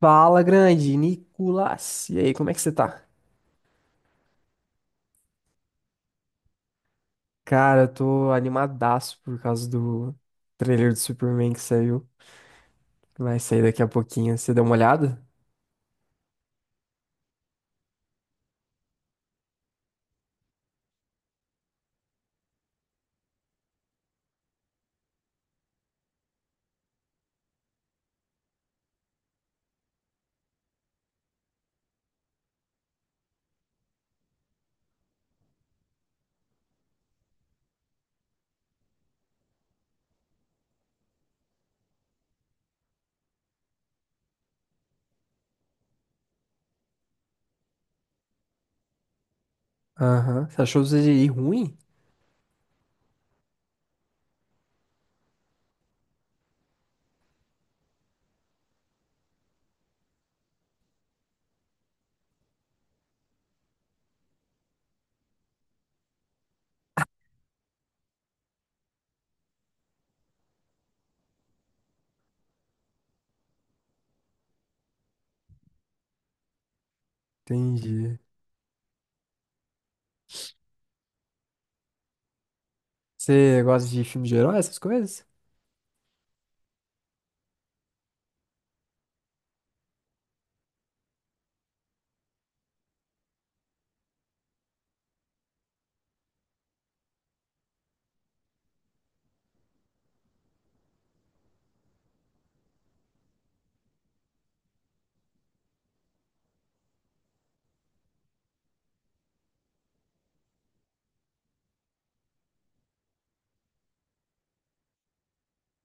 Fala, grande Nicolas. E aí, como é que você tá? Cara, eu tô animadaço por causa do trailer do Superman que saiu. Vai sair daqui a pouquinho. Você deu uma olhada? Aham. Você achou o CGI ruim? Entendi. Você gosta de filme de herói, essas coisas?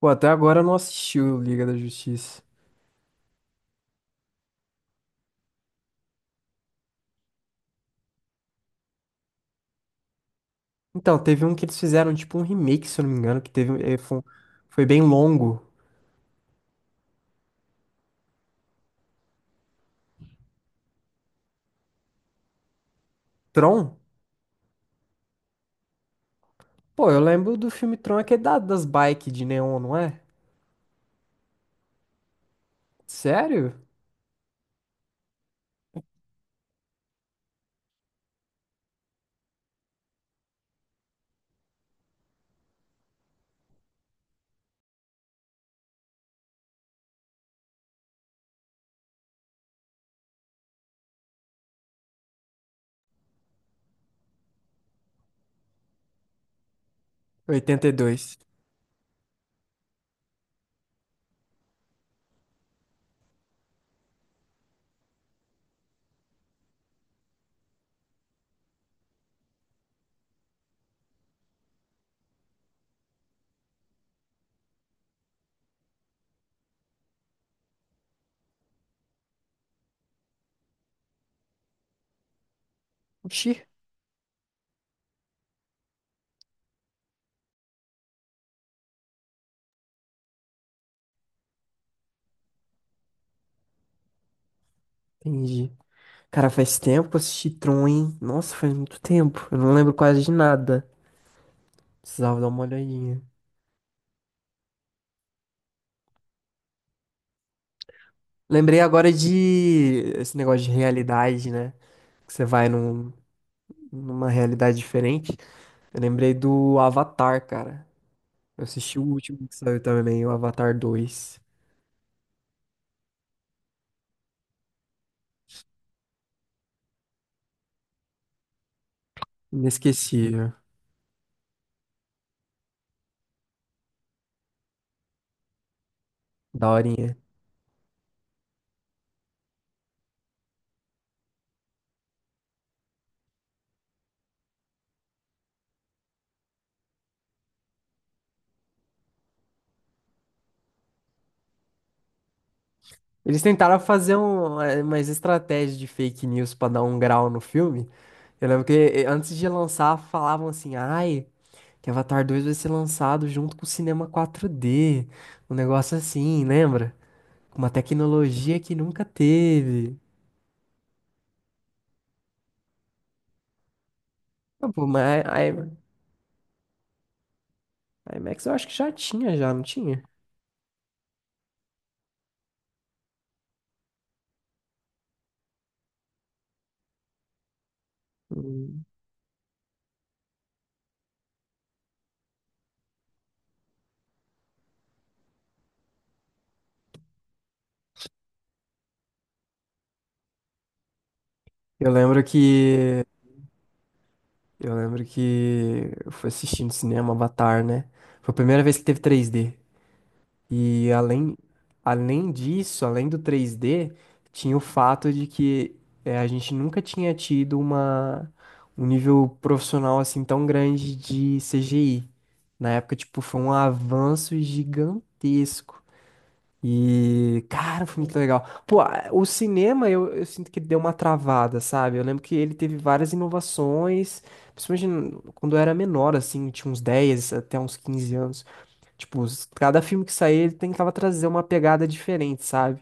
Pô, até agora eu não assisti o Liga da Justiça. Então, teve um que eles fizeram, tipo um remake, se eu não me engano, que teve, foi bem longo. Tron? Pô, eu lembro do filme Tron, aquele das bikes de neon, não é? Sério? 82. Oxi, entendi. Cara, faz tempo que eu assisti Tron, hein? Nossa, faz muito tempo. Eu não lembro quase de nada. Precisava dar uma olhadinha. Lembrei agora de esse negócio de realidade, né? Que você vai numa realidade diferente. Eu lembrei do Avatar, cara. Eu assisti o último que saiu também, o Avatar 2. Inesquecível. Daorinha. Eles tentaram fazer um, umas estratégias de fake news pra dar um grau no filme. Eu lembro que antes de lançar, falavam assim, ai. Que Avatar 2 vai ser lançado junto com o cinema 4D. Um negócio assim, lembra? Com uma tecnologia que nunca teve. Ah, pô, mas a IMAX eu acho que já tinha, já, não tinha? Hum. Eu lembro que. Eu lembro que eu fui assistindo cinema Avatar, né? Foi a primeira vez que teve 3D. E além disso, além do 3D, tinha o fato de que a gente nunca tinha tido um nível profissional assim tão grande de CGI. Na época, tipo, foi um avanço gigantesco. E, cara, foi muito legal. Pô, o cinema eu sinto que deu uma travada, sabe? Eu lembro que ele teve várias inovações, principalmente quando eu era menor, assim, tinha uns 10 até uns 15 anos. Tipo, cada filme que saía, ele tentava trazer uma pegada diferente, sabe?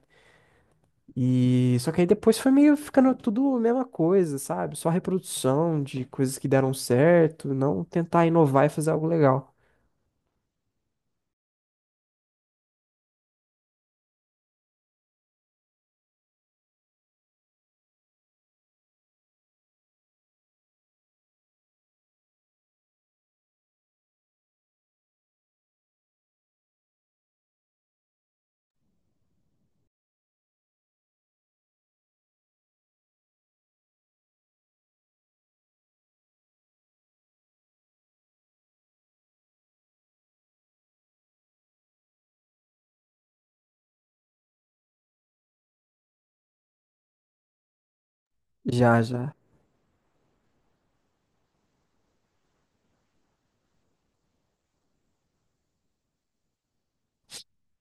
E só que aí depois foi meio ficando tudo a mesma coisa, sabe? Só reprodução de coisas que deram certo, não tentar inovar e fazer algo legal. Já, já.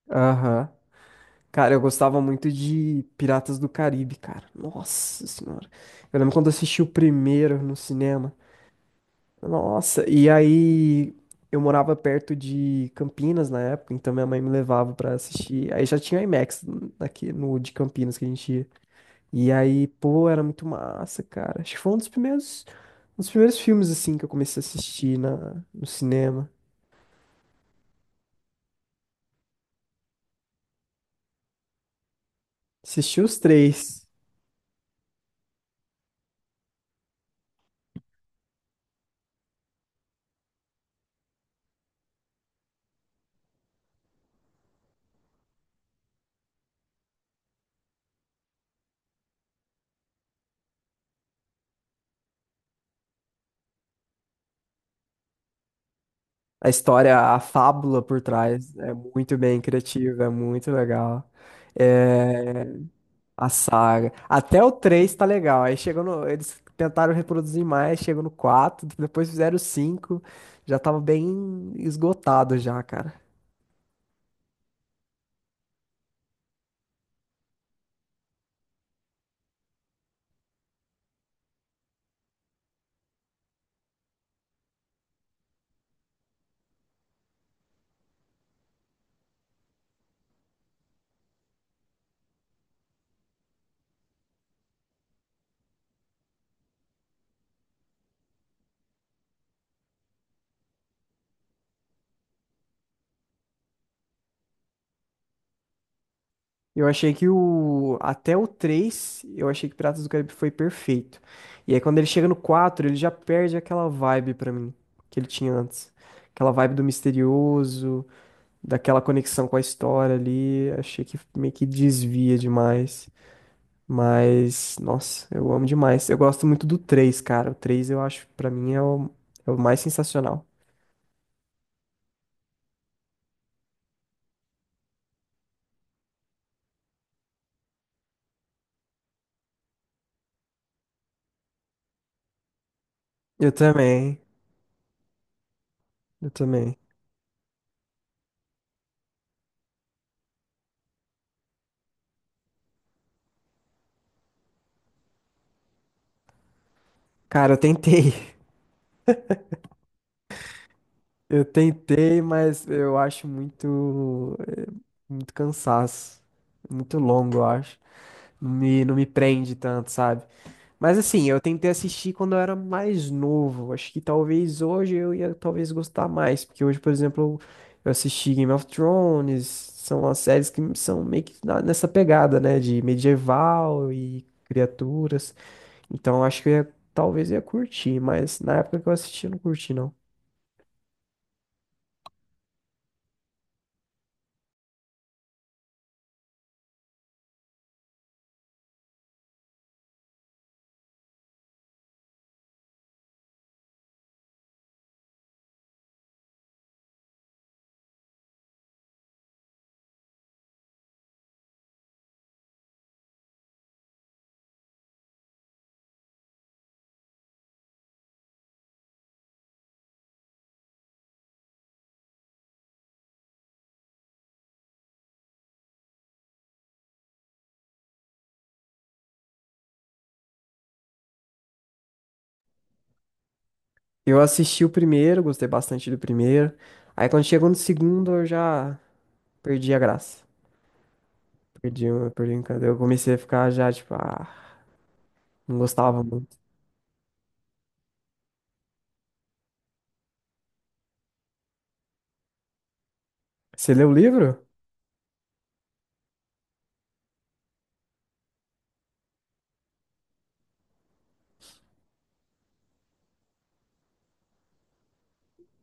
Aham. Cara, eu gostava muito de Piratas do Caribe, cara. Nossa Senhora. Eu lembro quando eu assisti o primeiro no cinema. Nossa, e aí eu morava perto de Campinas na época, então minha mãe me levava pra assistir. Aí já tinha IMAX aqui no de Campinas que a gente ia. E aí, pô, era muito massa, cara. Acho que foi um dos primeiros filmes assim que eu comecei a assistir no cinema. Assisti os três. A história, a fábula por trás é muito bem criativa, é muito legal. É, a saga. Até o 3 tá legal. Aí chegou no. Eles tentaram reproduzir mais, chegou no 4 depois fizeram o 5. Já tava bem esgotado já, cara. Eu achei que o. Até o 3 eu achei que Piratas do Caribe foi perfeito. E aí quando ele chega no 4 ele já perde aquela vibe pra mim que ele tinha antes. Aquela vibe do misterioso, daquela conexão com a história ali. Achei que meio que desvia demais. Mas, nossa, eu amo demais. Eu gosto muito do 3 cara. O 3 eu acho, pra mim, é o mais sensacional. Eu também, eu também. Cara, eu tentei. Eu tentei, mas eu acho muito, é, muito cansaço. Muito longo, eu acho. Não me prende tanto, sabe? Mas assim, eu tentei assistir quando eu era mais novo. Acho que talvez hoje eu ia talvez gostar mais, porque hoje, por exemplo, eu assisti Game of Thrones, são as séries que são meio que nessa pegada, né, de medieval e criaturas. Então eu acho que eu ia, talvez eu ia curtir, mas na época que eu assisti eu não curti não. Eu assisti o primeiro, gostei bastante do primeiro. Aí quando chegou no segundo eu já perdi a graça. Perdi, perdi o encanto. Eu comecei a ficar já tipo, ah, não gostava muito. Você leu o livro?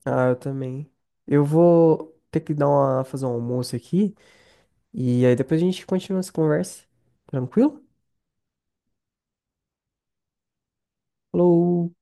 Ah, eu também. Eu vou ter que dar uma, fazer um almoço aqui e aí depois a gente continua essa conversa. Tranquilo? Falou!